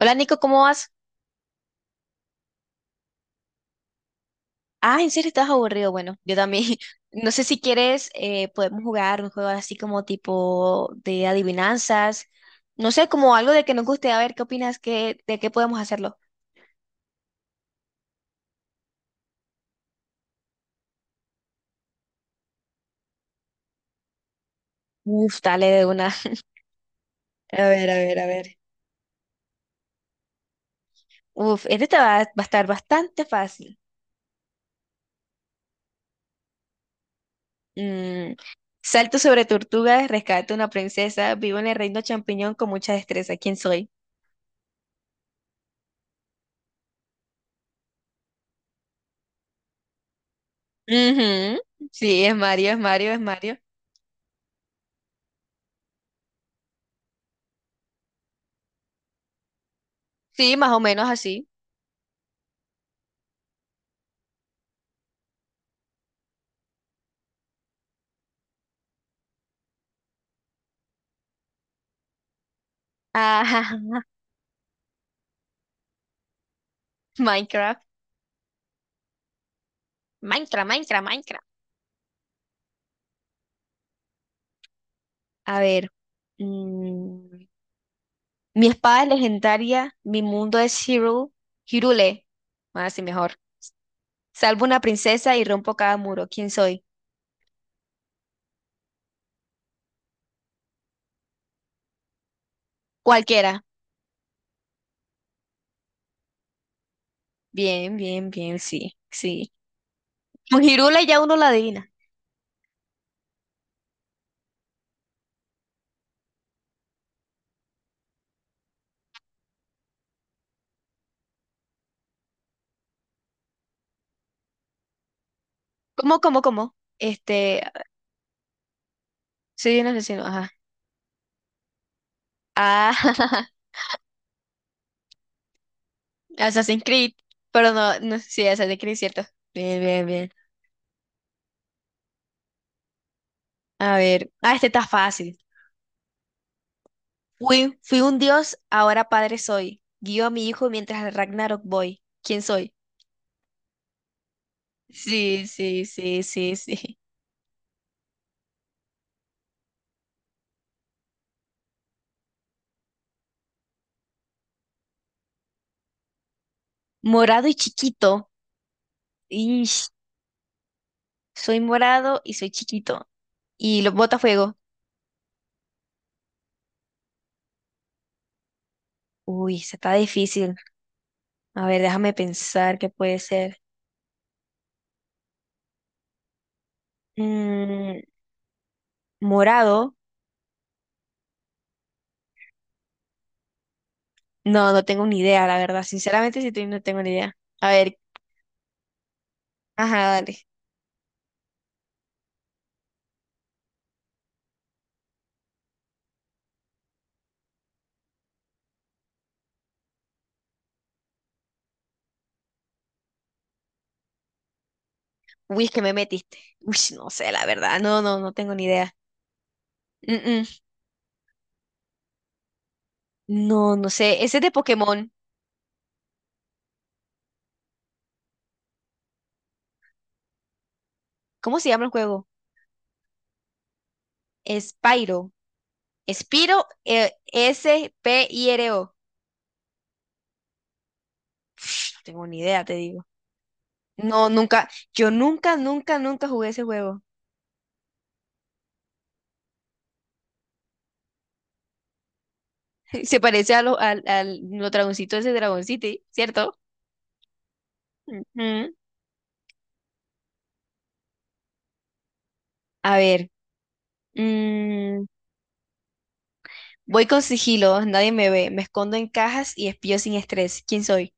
Hola Nico, ¿cómo vas? Ah, ¿en serio estás aburrido? Bueno, yo también. No sé si quieres, podemos jugar un juego así como tipo de adivinanzas. No sé, como algo de que nos guste. A ver, ¿qué opinas? ¿Qué, de qué podemos hacerlo? Uf, dale de una. A ver, a ver, a ver. Uf, este te va a estar bastante fácil. Mm, salto sobre tortugas, rescato una princesa, vivo en el reino champiñón con mucha destreza. ¿Quién soy? Ujú. Sí, es Mario, es Mario, es Mario. Sí, más o menos así. Ajá. Minecraft. Minecraft, Minecraft, Minecraft. A ver. Mm, mi espada es legendaria, mi mundo es Hyrule. Hyrule. Más así mejor. Salvo una princesa y rompo cada muro. ¿Quién soy? Cualquiera. Bien, bien, bien, sí, sí. Con Hyrule ya uno la adivina. ¿Cómo, cómo, cómo? Este, soy un asesino, ajá. Ah, Assassin's Creed. Pero no, no, sí, Assassin's Creed, cierto. Bien, bien, bien. A ver. Ah, este está fácil. Fui un dios, ahora padre soy. Guío a mi hijo mientras al Ragnarok voy. ¿Quién soy? Sí, sí, sí, sí, sí. Morado y chiquito. Ish, soy morado y soy chiquito. Y los botafuego. Uy, se está difícil. A ver, déjame pensar qué puede ser. Mm, morado. No, no tengo ni idea, la verdad. Sinceramente, sí, te- no tengo ni idea. A ver, ajá, dale. Uy, es que me metiste. Uy, no sé, la verdad. No, no, no tengo ni idea. Mm, mm. No, no sé. Ese es de Pokémon. ¿Cómo se llama el juego? Spyro. Spyro, S-P-I-R-O. No tengo ni idea, te digo. No, nunca. Yo nunca, nunca, nunca jugué ese juego. Se parece a lo, al, al, los dragoncitos de ese Dragon City, ¿cierto? Ujú. A ver. Mm, voy con sigilo. Nadie me ve. Me escondo en cajas y espío sin estrés. ¿Quién soy?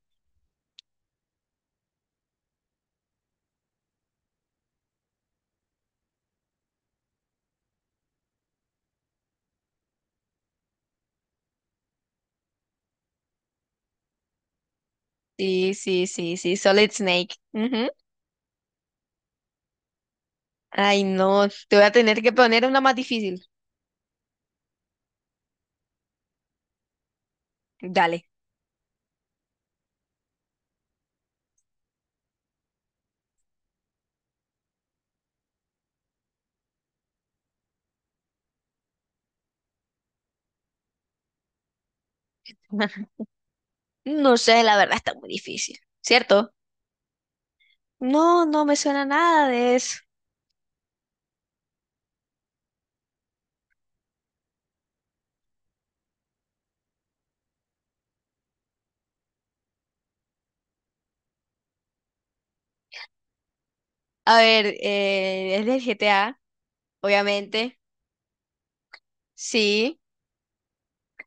Sí, sí, sí, sí. Solid Snake. Ujú. Ay, no. Te voy a tener que poner una más difícil. Dale. No sé, la verdad está muy difícil, ¿cierto? No, no me suena nada de eso. A ver, es del GTA, obviamente. Sí.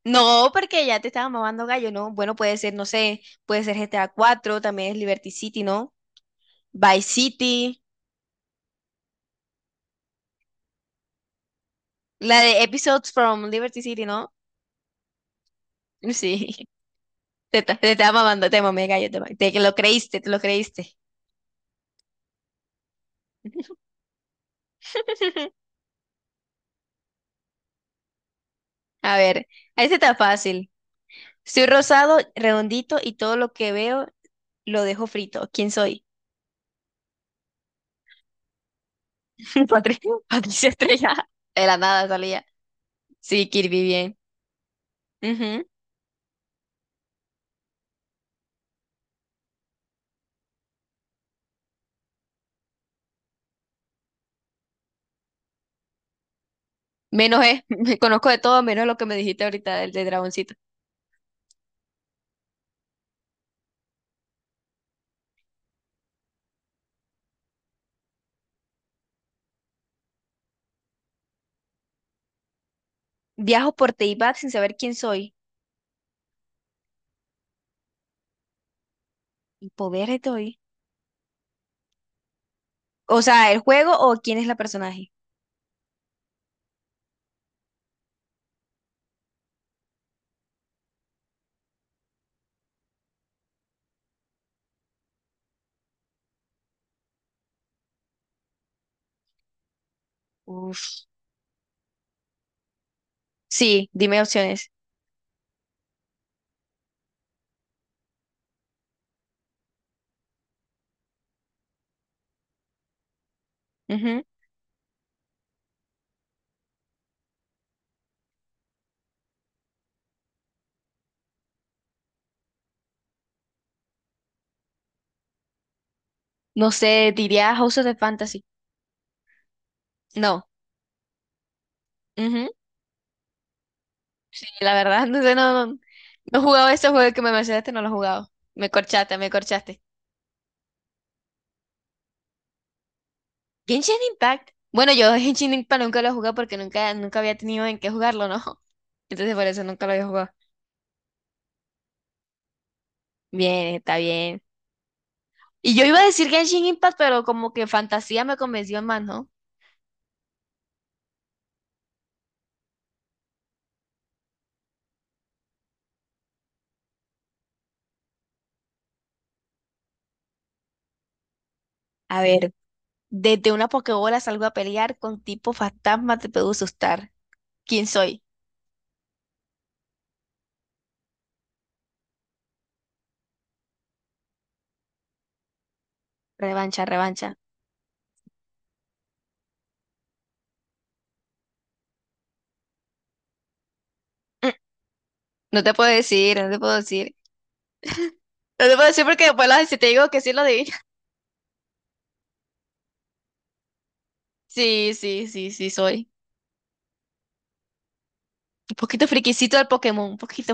No, porque ya te estaba mamando gallo, ¿no? Bueno, puede ser, no sé, puede ser GTA 4 también es Liberty City, ¿no? Vice City, la de Episodes from Liberty City, ¿no? Sí, te, ta- te estaba mamando, te mamé gallo, te, ma- te que lo creíste, te lo creíste. A ver, este está fácil. Soy rosado, redondito y todo lo que veo lo dejo frito. ¿Quién soy? Patri- Patricia Estrella. De la nada salía. Sí, Kirby, bien. Ujú. Menos es, me conozco de todo, menos lo que me dijiste ahorita del de Dragoncito. Viajo por Teyvat sin saber quién soy. Y poder estoy. O sea, ¿el juego o quién es la personaje? Uf. Sí, dime opciones. Ujú. No sé, diría House of the Fantasy. No. Ujú. Sí, la verdad, no sé, no, no, no he jugado ese juego que me mencionaste, no lo he jugado. Me corchaste, me corchaste. Genshin Impact. Bueno, yo Genshin Impact nunca lo he jugado porque nunca, nunca había tenido en qué jugarlo, ¿no? Entonces por eso nunca lo había jugado. Bien, está bien. Y yo iba a decir Genshin Impact, pero como que fantasía me convenció más, ¿no? A ver, desde una Pokébola salgo a pelear con tipo fantasma, te puedo asustar. ¿Quién soy? Revancha, revancha. Mm, no te puedo decir, no te puedo decir. No te puedo decir porque después lo- si te digo que sí lo adivinas. Sí, sí, sí, sí soy. Un poquito friquisito del Pokémon, un poquito.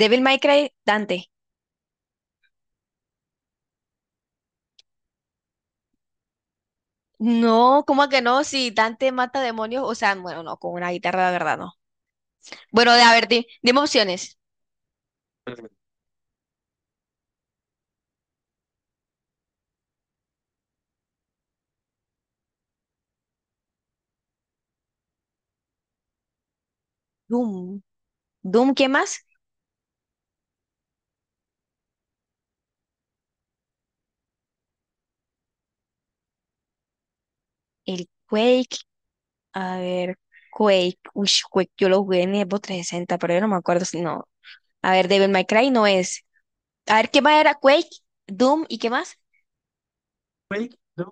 Devil May Cry, Dante. No, ¿cómo que no? Si Dante mata demonios, o sea, bueno, no, con una guitarra la verdad no. Bueno, de, a ver, di- dime opciones. Doom. Doom, ¿qué más? El Quake. A ver, Quake. Uy, Quake, yo lo jugué en Xbox 360, pero yo no me acuerdo si no. A ver, Devil May Cry no es. A ver, ¿qué más era Quake? Doom, ¿y qué más? Quake, Doom.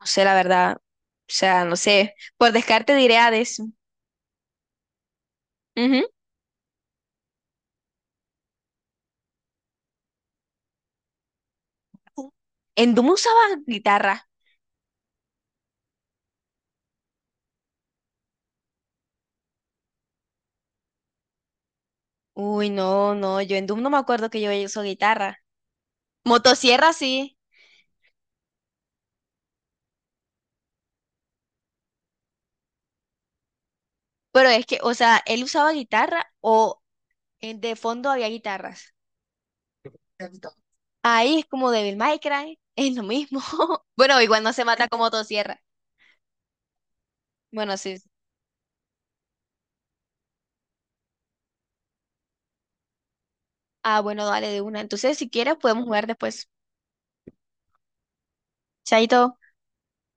No sé, la verdad. O sea, no sé. Por descarte diré Hades. Ujú. En Doom usaba guitarra. Uy, no, no, yo en Doom no me acuerdo que yo uso guitarra. Motosierra sí, pero es que, o sea, él usaba guitarra o en- de fondo había guitarras. Ahí es como Devil May Cry, es lo mismo. Bueno, igual no se mata con motosierra. Bueno, sí. Ah, bueno, dale de una. Entonces, si quieres, podemos jugar después. Chaito.